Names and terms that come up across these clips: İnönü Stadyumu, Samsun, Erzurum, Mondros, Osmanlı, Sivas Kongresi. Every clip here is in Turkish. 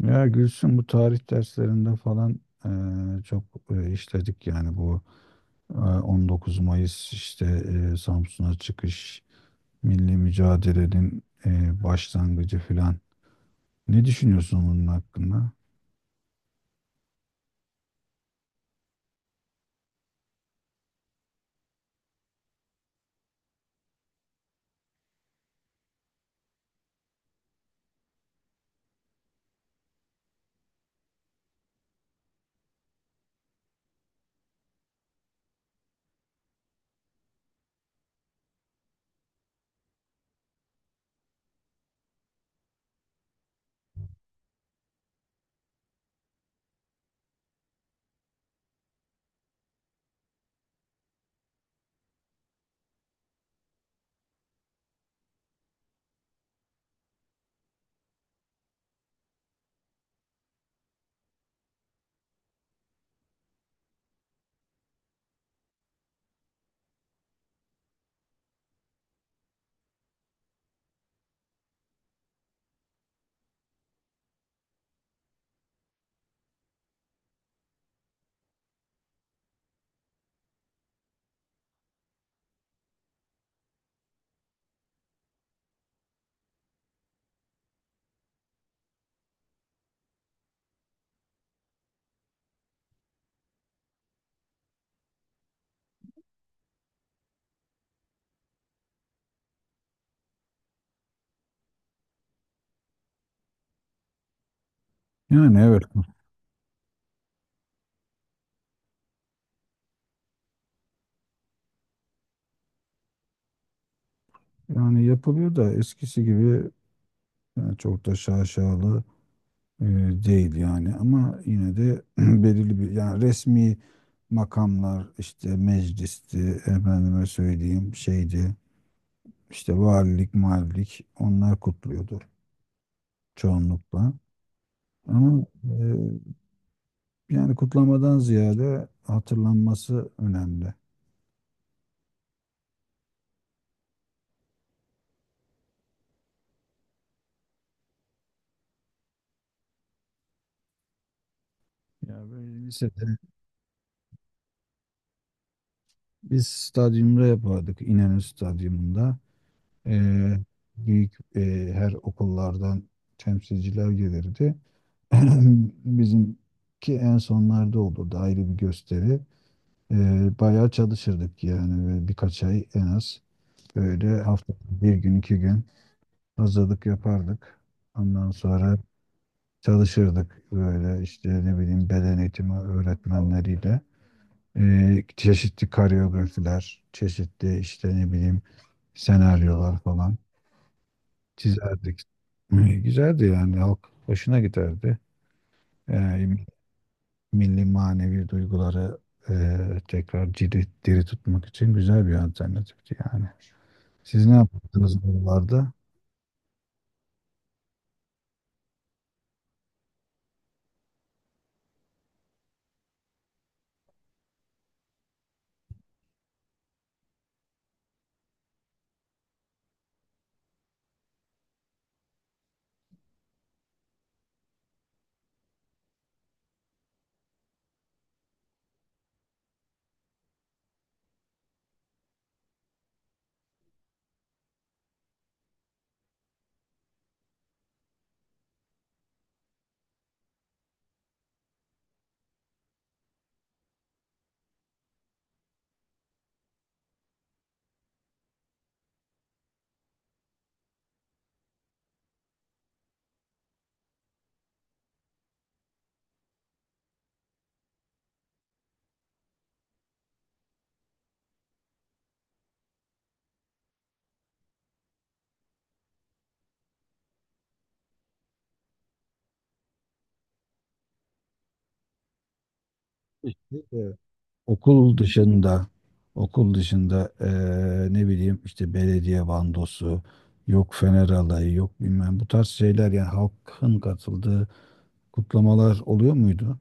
Ya Gülsün, bu tarih derslerinde falan çok işledik yani bu 19 Mayıs işte, Samsun'a çıkış, milli mücadelenin başlangıcı falan. Ne düşünüyorsun bunun hakkında? Yani evet, yani yapılıyor da eskisi gibi çok da şaşalı değil yani, ama yine de belirli bir yani resmi makamlar işte meclisti, efendime söyleyeyim şeydi. İşte valilik, malilik onlar kutluyordu çoğunlukla. Ama yani kutlamadan ziyade hatırlanması önemli. Ya böyle lisede biz stadyumda yapardık, İnönü Stadyumunda. E, Büyük, her okullardan temsilciler gelirdi. Bizimki en sonlarda olurdu, ayrı bir gösteri. E, Bayağı çalışırdık yani, ve birkaç ay en az böyle haftada bir gün iki gün hazırlık yapardık. Ondan sonra çalışırdık böyle işte, ne bileyim, beden eğitimi öğretmenleriyle. Çeşitli koreografiler, çeşitli işte ne bileyim senaryolar falan çizerdik. Güzeldi yani, halk hoşuna giderdi. Ee, Milli manevi duyguları tekrar diri tutmak için güzel bir alternatifti yani. Siz ne yaptınız buralarda? İşte, okul dışında, okul dışında ne bileyim işte belediye bandosu, yok Fener alayı, yok bilmem, bu tarz şeyler yani halkın katıldığı kutlamalar oluyor muydu?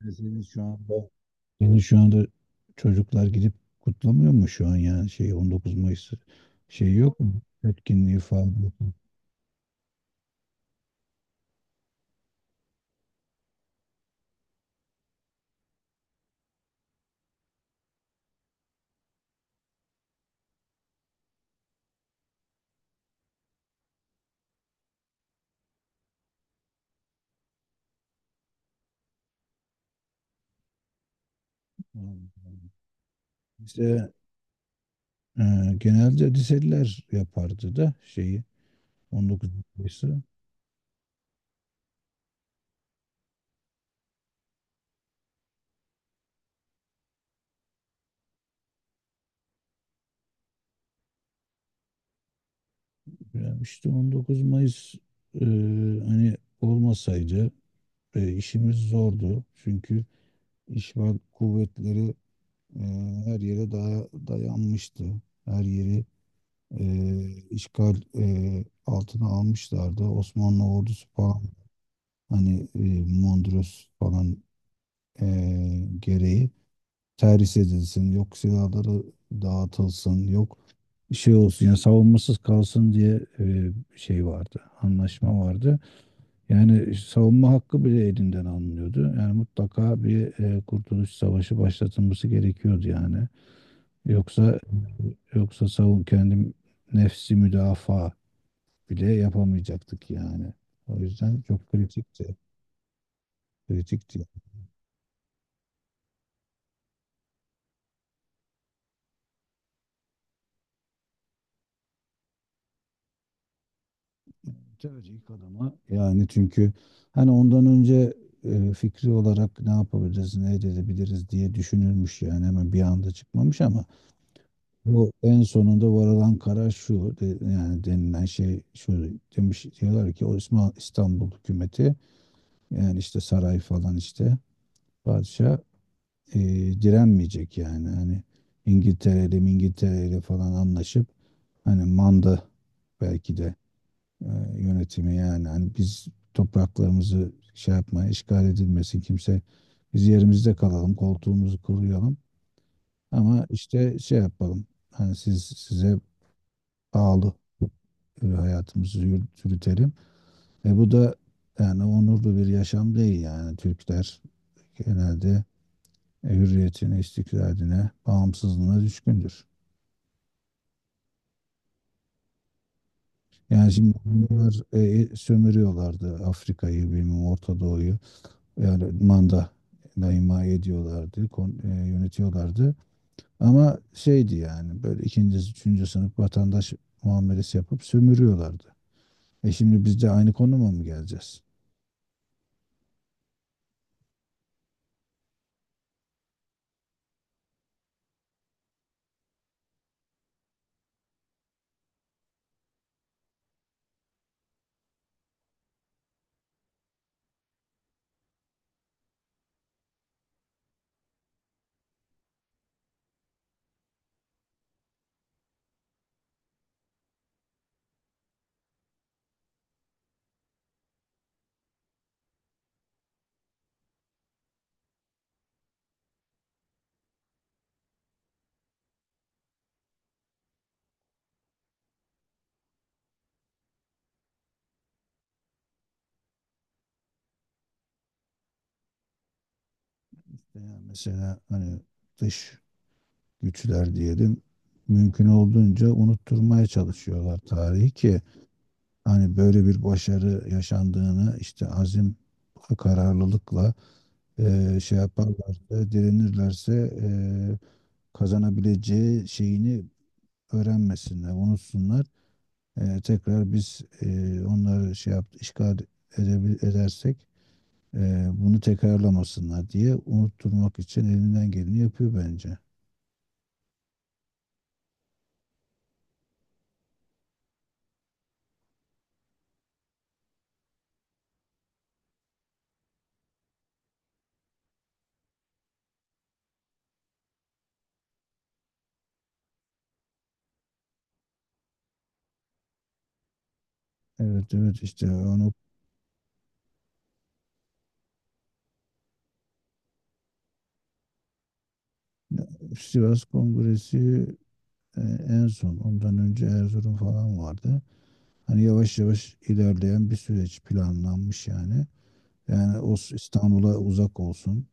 Yani senin şu anda, senin şu anda çocuklar gidip kutlamıyor mu şu an, yani şey 19 Mayıs, şey yok mu? Etkinliği falan. Bize genelde liseliler yapardı da şeyi, 19 Mayıs'ı. Ya işte 19 Mayıs e, hani olmasaydı işimiz zordu. Çünkü işgal kuvvetleri e, her yere dayanmıştı. Her yeri işgal altına almışlardı. Osmanlı ordusu falan hani, Mondros falan e, gereği terhis edilsin, yok silahları dağıtılsın, yok şey olsun yani savunmasız kalsın diye şey vardı, anlaşma vardı. Yani savunma hakkı bile elinden alınıyordu. Yani mutlaka bir kurtuluş savaşı başlatılması gerekiyordu yani. Yoksa yoksa savun kendim, nefsi müdafaa bile yapamayacaktık yani. O yüzden çok kritikti. Kritikti. Tabii ilk adama yani, çünkü hani ondan önce fikri olarak ne yapabiliriz, ne edebiliriz diye düşünülmüş yani, hemen bir anda çıkmamış. Ama bu en sonunda varılan karar şu, yani denilen şey şu, demiş. Diyorlar ki o İstanbul hükümeti, yani işte saray falan, işte padişah e, direnmeyecek, yani hani İngiltere'li falan anlaşıp, hani manda belki de e, yönetimi, yani hani biz topraklarımızı şey yapmaya, işgal edilmesin kimse, biz yerimizde kalalım, koltuğumuzu kuruyalım, ama işte şey yapalım hani, siz size pahalı hayatımızı yürütelim. E bu da yani onurlu bir yaşam değil. Yani Türkler genelde hürriyetine, istiklaline, bağımsızlığına düşkündür. Yani şimdi bunlar sömürüyorlardı Afrika'yı, bilmem Orta Doğu'yu. Yani manda ima ediyorlardı, yönetiyorlardı. Ama şeydi yani, böyle ikinci, üçüncü sınıf vatandaş muamelesi yapıp sömürüyorlardı. E şimdi biz de aynı konuma mı geleceğiz? Yani mesela hani dış güçler diyelim, mümkün olduğunca unutturmaya çalışıyorlar tarihi, ki hani böyle bir başarı yaşandığını, işte azim kararlılıkla şey yaparlarsa, direnirlerse e, kazanabileceği şeyini öğrenmesinler, unutsunlar. Tekrar biz onları şey yap, işgal edersek bunu tekrarlamasınlar diye, unutturmak için elinden geleni yapıyor bence. Evet evet, işte onu. Sivas Kongresi, e, en son, ondan önce Erzurum falan vardı. Hani yavaş yavaş ilerleyen bir süreç planlanmış yani. Yani o İstanbul'a uzak olsun,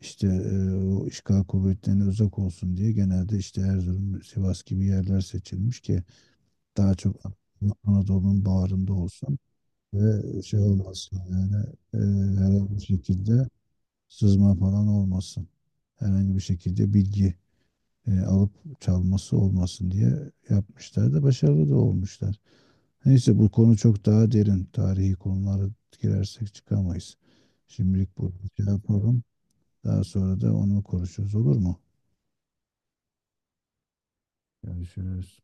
işte o işgal kuvvetlerine uzak olsun diye genelde işte Erzurum, Sivas gibi yerler seçilmiş ki daha çok Anadolu'nun bağrında olsun ve şey olmasın yani, e, herhangi bir şekilde sızma falan olmasın. Herhangi bir şekilde bilgi alıp çalması olmasın diye yapmışlar, da başarılı da olmuşlar. Neyse, bu konu çok daha derin. Tarihi konulara girersek çıkamayız. Şimdilik burada şey yapalım. Daha sonra da onu konuşuruz, olur mu? Görüşürüz.